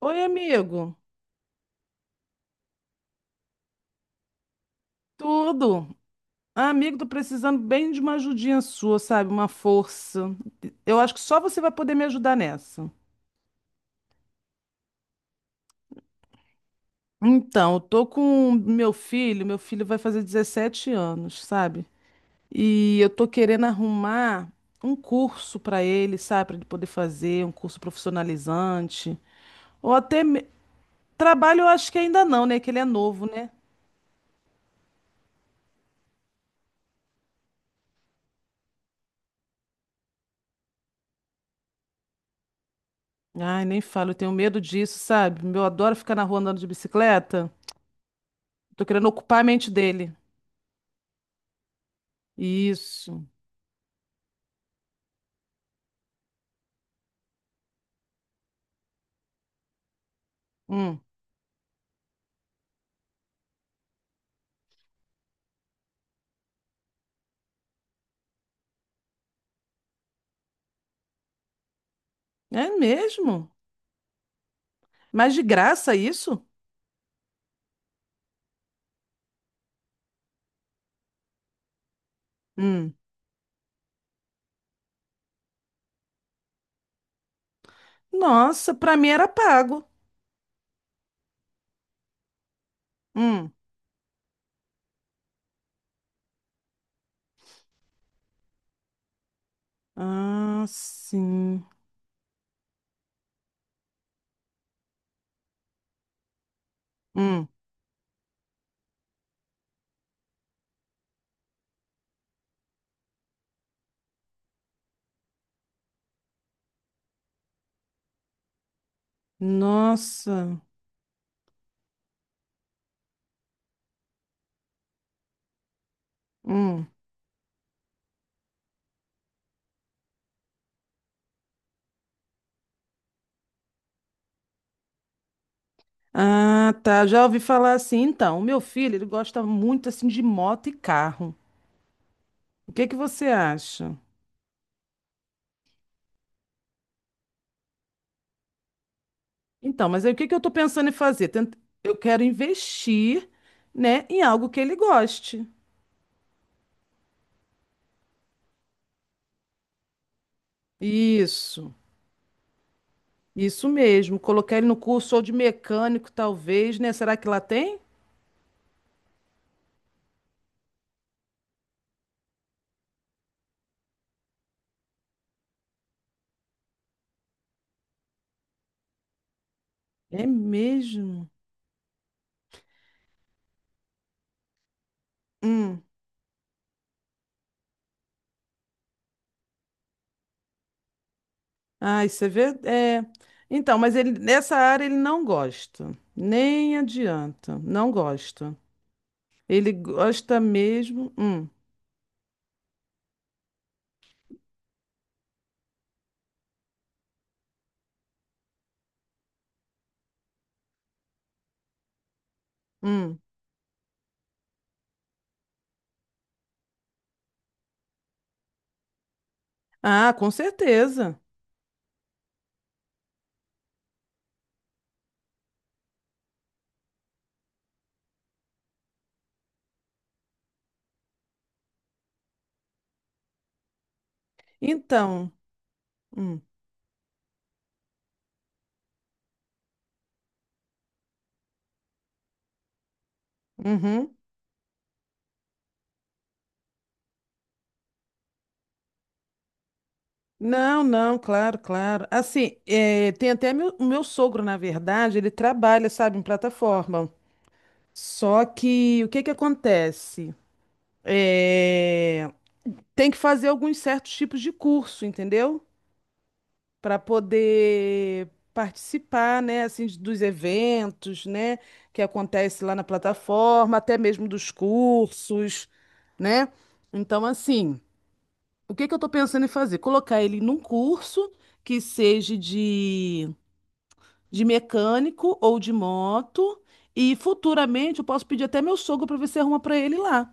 Oi, amigo. Tudo? Ah, amigo, tô precisando bem de uma ajudinha sua, sabe? Uma força. Eu acho que só você vai poder me ajudar nessa. Então, eu tô com meu filho vai fazer 17 anos, sabe? E eu tô querendo arrumar um curso pra ele, sabe? Pra ele poder fazer, um curso profissionalizante. Ou até me- Trabalho, eu acho que ainda não, né? Que ele é novo, né? Ai, nem falo, eu tenho medo disso, sabe? Eu adoro ficar na rua andando de bicicleta. Tô querendo ocupar a mente dele. Isso. Hum. É mesmo? Mas de graça isso? Hum. Nossa, pra mim era pago. Hum. Ah, sim. Hum. Nossa. Hum. Ah, tá. Já ouvi falar assim. Então, o meu filho, ele gosta muito assim de moto e carro. O que que você acha? Então, mas aí o que que eu tô pensando em fazer? Eu quero investir, né, em algo que ele goste. Isso. Isso mesmo, colocar ele no curso ou de mecânico, talvez, né? Será que lá tem? É mesmo. Hum. Ai, você vê? É. Então, mas ele nessa área ele não gosta. Nem adianta. Não gosta. Ele gosta mesmo. Hum. Hum. Ah, com certeza. Então. Hum. Uhum. Não, não, claro, claro. Assim, é, tem até meu, o meu sogro, na verdade, ele trabalha, sabe, em plataforma. Só que o que que acontece? É, tem que fazer alguns certos tipos de curso, entendeu? Para poder participar, né, assim, dos eventos, né, que acontece lá na plataforma, até mesmo dos cursos, né? Então, assim, o que que eu estou pensando em fazer? Colocar ele num curso que seja de mecânico ou de moto, e futuramente eu posso pedir até meu sogro para ver se arruma para ele lá.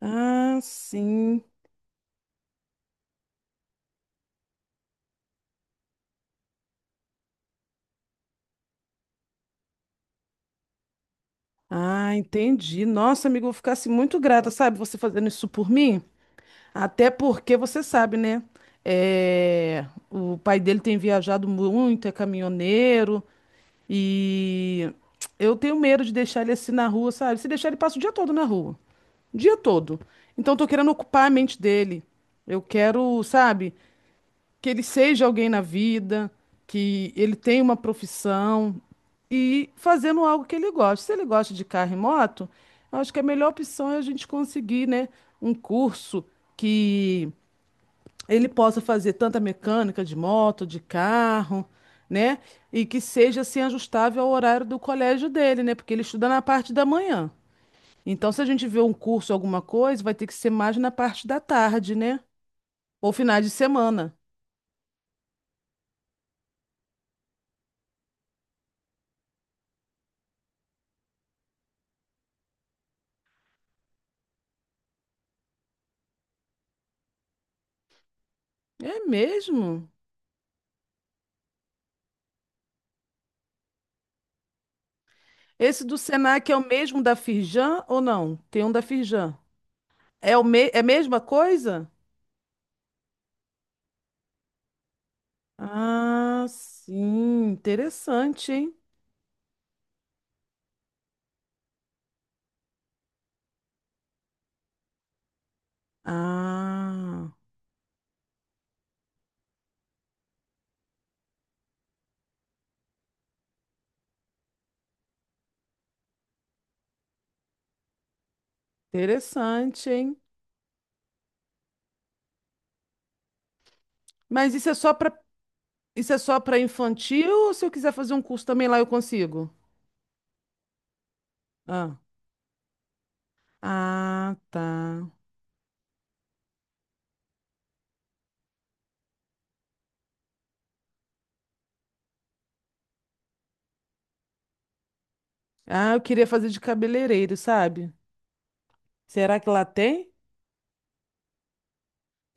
Ah, sim. Ah, entendi. Nossa, amigo, eu ficasse muito grata, sabe, você fazendo isso por mim. Até porque você sabe, né? É, o pai dele tem viajado muito, é caminhoneiro e eu tenho medo de deixar ele assim na rua, sabe? Se deixar ele passa o dia todo na rua, o dia todo. Então eu tô querendo ocupar a mente dele. Eu quero, sabe, que ele seja alguém na vida, que ele tenha uma profissão e fazendo algo que ele gosta. Se ele gosta de carro e moto, eu acho que a melhor opção é a gente conseguir, né, um curso que ele possa fazer tanta mecânica de moto, de carro, né, e que seja assim ajustável ao horário do colégio dele, né, porque ele estuda na parte da manhã. Então, se a gente vê um curso, alguma coisa, vai ter que ser mais na parte da tarde, né? Ou finais de semana. É mesmo? Esse do Senac é o mesmo da Firjan ou não? Tem um da Firjan. É a mesma coisa? Ah, sim, interessante, hein? Ah, interessante, hein? Mas isso é só para isso é só para infantil ou se eu quiser fazer um curso também lá eu consigo? Ah, ah, tá. Ah, eu queria fazer de cabeleireiro, sabe? Será que lá tem?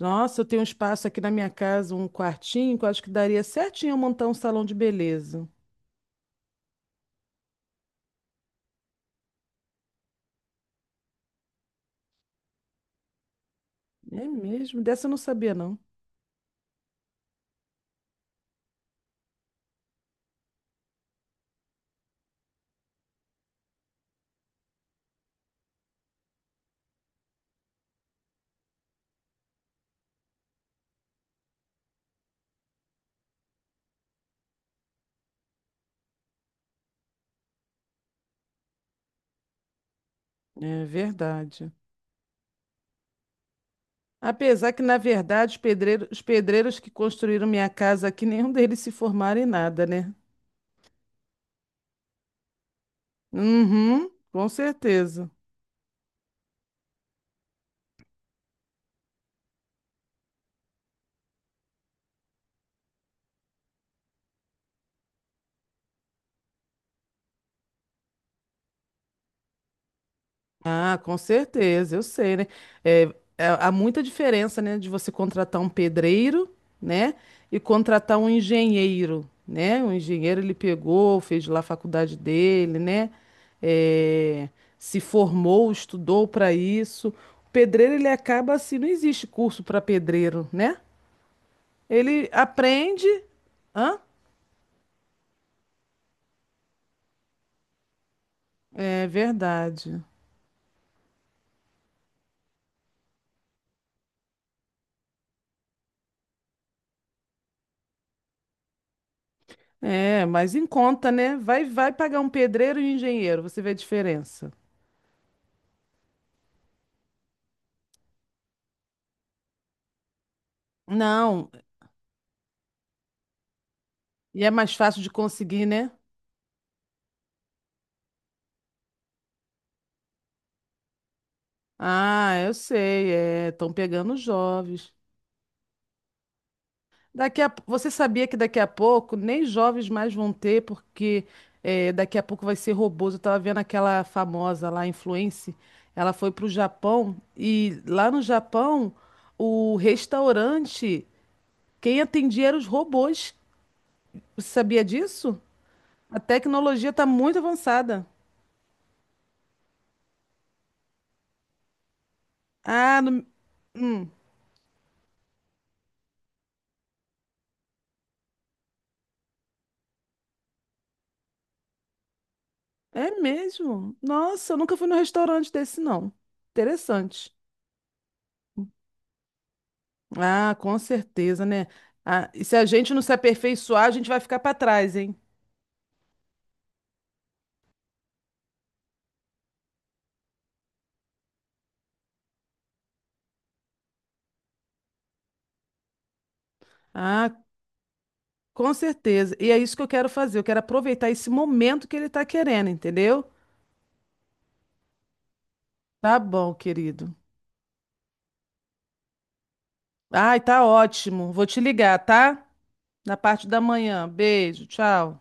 Nossa, eu tenho um espaço aqui na minha casa, um quartinho, que eu acho que daria certinho eu montar um salão de beleza. É mesmo, dessa eu não sabia, não. É verdade. Apesar que, na verdade, os pedreiros que construíram minha casa aqui, nenhum deles se formaram em nada, né? Uhum, com certeza. Ah, com certeza, eu sei, né? É, há muita diferença, né, de você contratar um pedreiro, né, e contratar um engenheiro, né? O engenheiro ele pegou, fez lá a faculdade dele, né? É, se formou, estudou para isso. O pedreiro ele acaba assim, não existe curso para pedreiro, né? Ele aprende, hã? É verdade. É, mas em conta, né? Vai pagar um pedreiro e um engenheiro, você vê a diferença. Não, e é mais fácil de conseguir, né? Ah, eu sei, é, estão pegando os jovens. Daqui a, você sabia que daqui a pouco nem jovens mais vão ter, porque é, daqui a pouco vai ser robôs. Eu tava vendo aquela famosa lá, influencer, ela foi pro Japão e lá no Japão o restaurante, quem atendia eram os robôs. Você sabia disso? A tecnologia está muito avançada. Ah, no, hum. É mesmo? Nossa, eu nunca fui num restaurante desse, não. Interessante. Ah, com certeza, né? Ah, e se a gente não se aperfeiçoar, a gente vai ficar para trás, hein? Ah, com certeza. E é isso que eu quero fazer. Eu quero aproveitar esse momento que ele tá querendo, entendeu? Tá bom, querido. Ai, tá ótimo. Vou te ligar, tá? Na parte da manhã. Beijo, tchau.